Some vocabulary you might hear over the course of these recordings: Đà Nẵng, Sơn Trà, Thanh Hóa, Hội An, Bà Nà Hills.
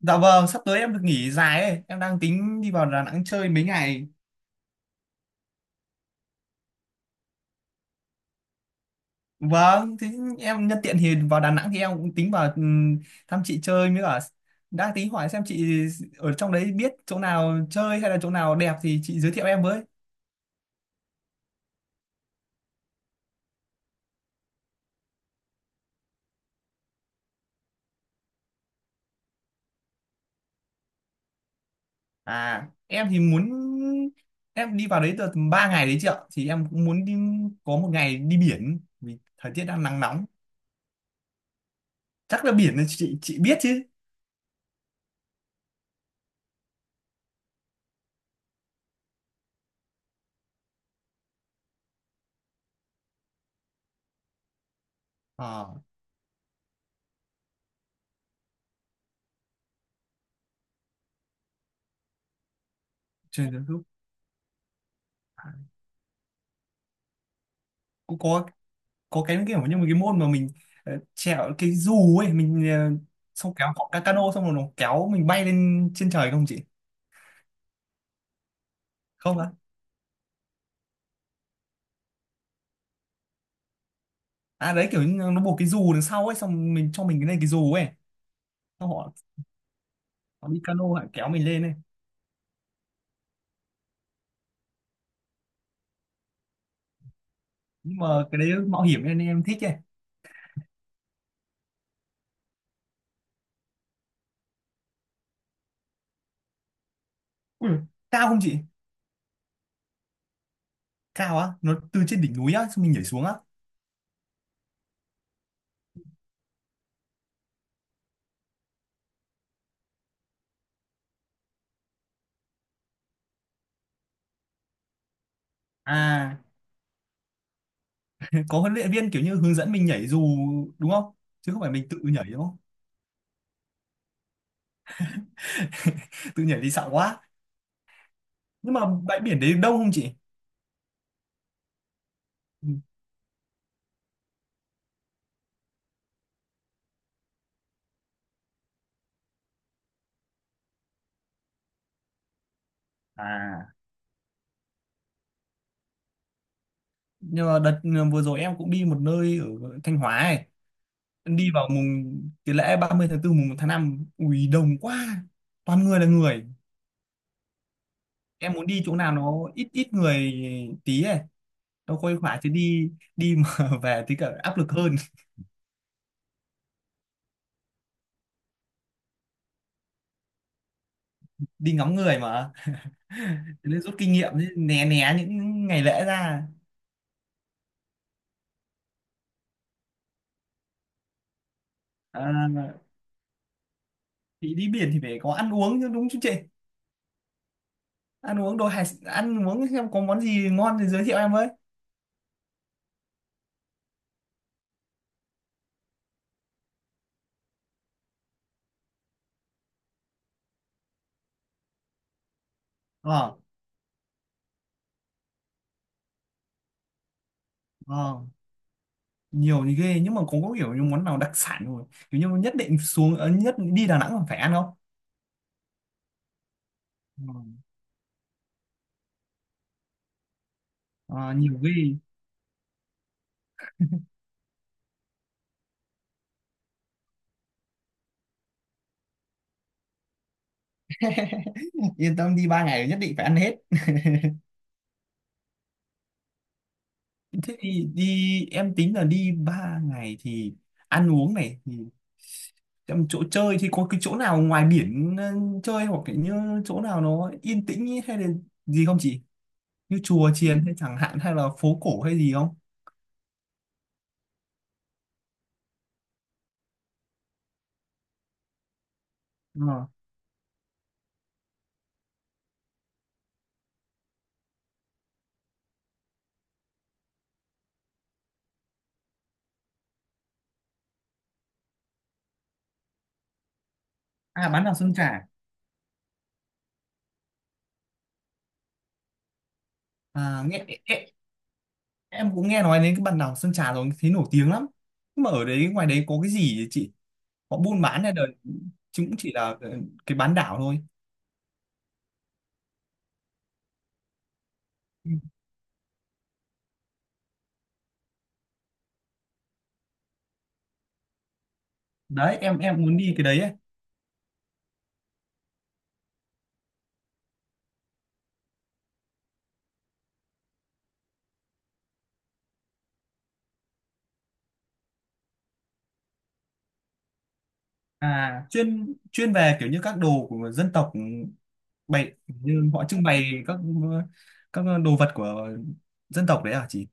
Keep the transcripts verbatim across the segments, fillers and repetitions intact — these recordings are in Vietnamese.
Dạ vâng, sắp tới em được nghỉ dài ấy, em đang tính đi vào Đà Nẵng chơi mấy ngày. Vâng, thế em nhân tiện thì vào Đà Nẵng thì em cũng tính vào ừm, thăm chị chơi mới cả, đang tính hỏi xem chị ở trong đấy biết chỗ nào chơi hay là chỗ nào đẹp thì chị giới thiệu em với. À, em thì muốn em đi vào đấy được ba ngày đấy chị ạ, thì em cũng muốn đi có một ngày đi biển vì thời tiết đang nắng nóng. Chắc là biển là chị chị biết chứ. Ờ, à, Trên YouTube cũng có có cái kiểu như một cái môn mà mình ờ, trèo cái dù ấy, mình ờ, xong kéo cọc ca cano xong rồi nó kéo mình bay lên trên trời không chị? Không á. À, đấy kiểu như nó buộc cái dù đằng sau ấy, xong mình cho mình cái này cái dù ấy, xong họ, họ đi cano họ kéo mình lên ấy. Nhưng mà cái đấy mạo hiểm nên em thích ấy. Ui, cao không chị? Cao á, nó từ trên đỉnh núi á xong mình nhảy xuống á. À, có huấn luyện viên kiểu như hướng dẫn mình nhảy dù đúng không? Chứ không phải mình tự nhảy đúng không? Tự nhảy thì sợ quá. Nhưng mà bãi biển đấy đông không chị? Ừ. À, nhưng mà đợt ờ, vừa rồi em cũng đi một nơi ở Thanh Hóa ấy. Em đi vào mùng cái lễ ba mươi tháng tư mùng một tháng năm, ui đông quá, toàn người là người. Em muốn đi chỗ nào nó ít ít người tí ấy, nó khuây khỏa chứ đi đi mà về thì cả áp lực hơn. Đi ngắm người mà. Thế nên rút kinh nghiệm chứ, né né những ngày lễ ra. à, thì đi biển thì phải có ăn uống chứ, đúng chứ chị? Ăn uống đồ hải ăn uống xem có món gì ngon thì giới thiệu em với. ờ ờ Nhiều thì ghê, nhưng mà cũng có kiểu như món nào đặc sản rồi, kiểu như nhất định xuống ờ, nhất đi Đà Nẵng còn phải ăn không? Ừ. Ờ, nhiều ghê. Yên tâm đi, ba ngày nhất định phải ăn hết. Thế thì đi, em tính là đi ba ngày thì ăn uống này thì em, chỗ chơi thì có cái chỗ nào ngoài biển ờ, chơi, hoặc là như chỗ nào nó yên tĩnh ý, hay là gì không chị? Như chùa chiền hay chẳng hạn, hay là phố cổ hay gì không? Ờ. À, bán đảo Sơn Trà. À, nghe. Em cũng nghe nói đến cái bản đảo Sơn Trà rồi thấy nổi tiếng lắm. Nhưng mà ở đấy ngoài đấy có cái gì vậy chị? Họ buôn bán hay là, chứ cũng chỉ là ờ, cái bán đảo thôi. Ừ. Đấy, em em muốn đi cái đấy ấy. À, Chuyên chuyên về kiểu như các đồ của dân tộc, ừ, bày như họ trưng bày các ờ, các đồ vật của dân tộc đấy à chị?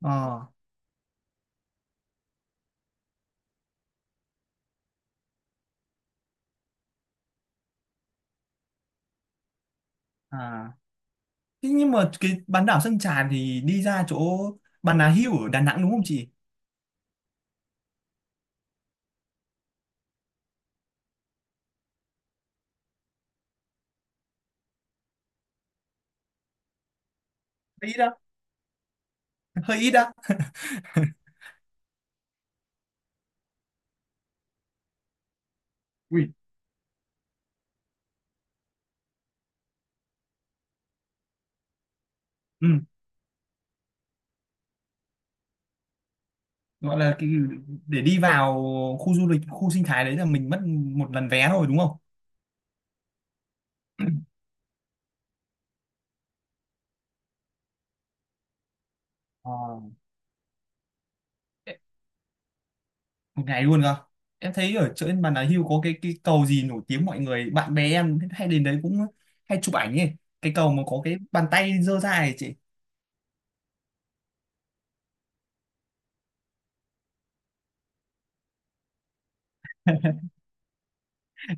Ờ. À. Thế nhưng mà cái bán đảo Sơn Trà thì đi ra chỗ Bà Nà Hills ở Đà Nẵng đúng không chị? Hơi ít đó. Hơi ít á. Ui. Ừ. Gọi là cái để đi vào khu du lịch khu sinh thái đấy là mình mất một lần vé thôi đúng không? Ờ, một ngày luôn cơ? Em thấy ở trên Bà Nà Hills có cái cái cầu gì nổi tiếng, mọi người bạn bè em hay đến đấy cũng hay chụp ảnh ấy, cái cầu mà có cái bàn tay giơ ra ấy chị.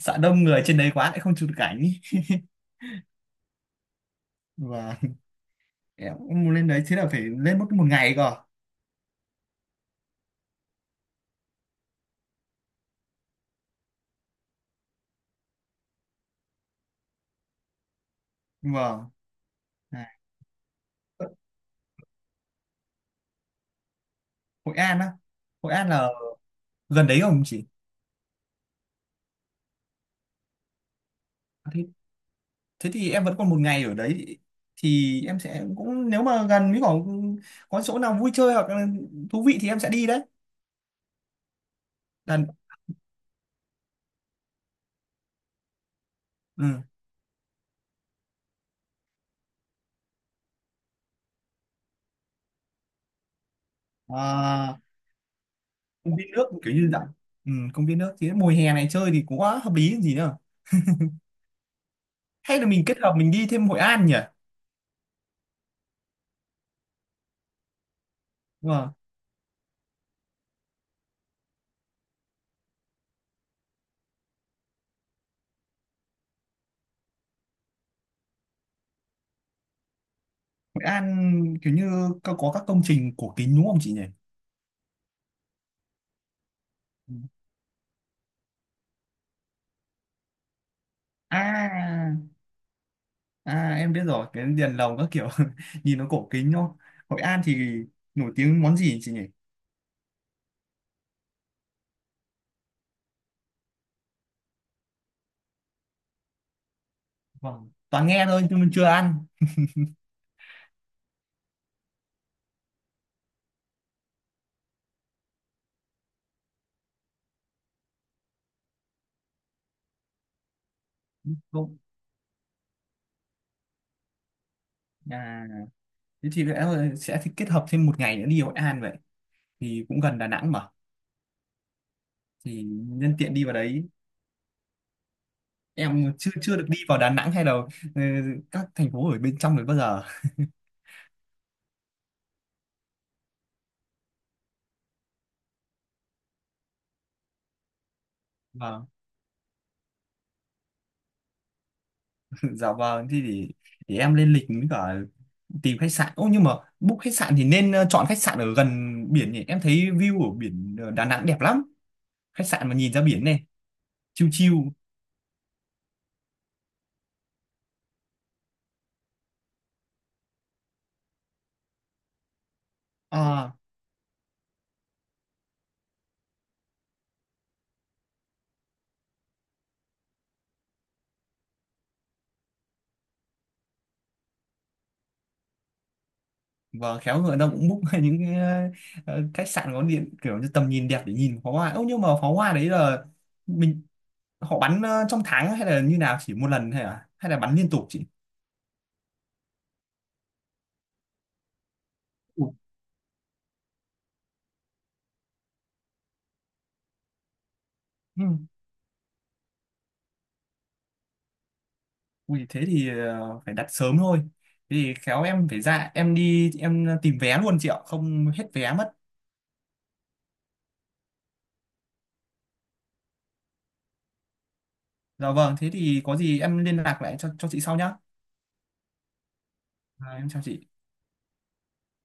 Sợ đông người trên đấy quá lại không chụp được ảnh. Và em cũng muốn lên đấy, thế là phải lên mất một ngày cơ. Vâng. À. Hội An á? Hội An là gần đấy không chị? Thế thì em vẫn còn một ngày ở đấy, thì em sẽ cũng, nếu mà gần với có có chỗ nào vui chơi hoặc là thú vị thì em sẽ đi đấy. Đàn. Ừ. à, Công viên nước kiểu như dạng. Ừ, công viên nước thì mùa hè này chơi thì cũng quá hợp lý còn gì nữa. Hay là mình kết hợp mình đi thêm Hội An nhỉ? Đúng rồi. Hội An kiểu như có, có các công trình cổ kính đúng không chị nhỉ? Ừ. À. À, em biết rồi, cái đèn lồng các kiểu, nhìn nó cổ kính đúng không? Hội An thì nổi tiếng món gì chị nhỉ? Vâng, toàn nghe thôi nhưng mà chưa ăn. Không à. Thế thì lẽ là sẽ thì kết hợp thêm một ngày nữa đi Hội An vậy, thì cũng gần Đà Nẵng mà. Thì nhân tiện đi vào đấy, em chưa chưa được đi vào Đà Nẵng hay là ừ, các thành phố ở bên trong đấy bao giờ. Vâng. Dạ vâng, thì để, để em lên lịch với cả tìm khách sạn, ô nhưng mà book khách sạn thì nên ờ, chọn khách sạn ở gần biển nhỉ, em thấy view ở biển ờ, Đà Nẵng đẹp lắm. Khách sạn mà nhìn ra biển này, chill chill. À, và khéo người ta cũng book những cái, ờ, khách sạn có điện kiểu như tầm nhìn đẹp để nhìn pháo hoa. Ơ nhưng mà pháo hoa đấy là mình họ bắn ờ, trong tháng hay là như nào, chỉ một lần hay là hay là bắn liên tục chị? Ủa. Ừ. Ui, thế thì ờ, phải đặt sớm thôi. Thế thì khéo em phải ra, em đi, em tìm vé luôn chị ạ, không hết vé mất. Dạ vâng, thế thì có gì em liên lạc lại cho cho chị sau nhá. À, em chào chị.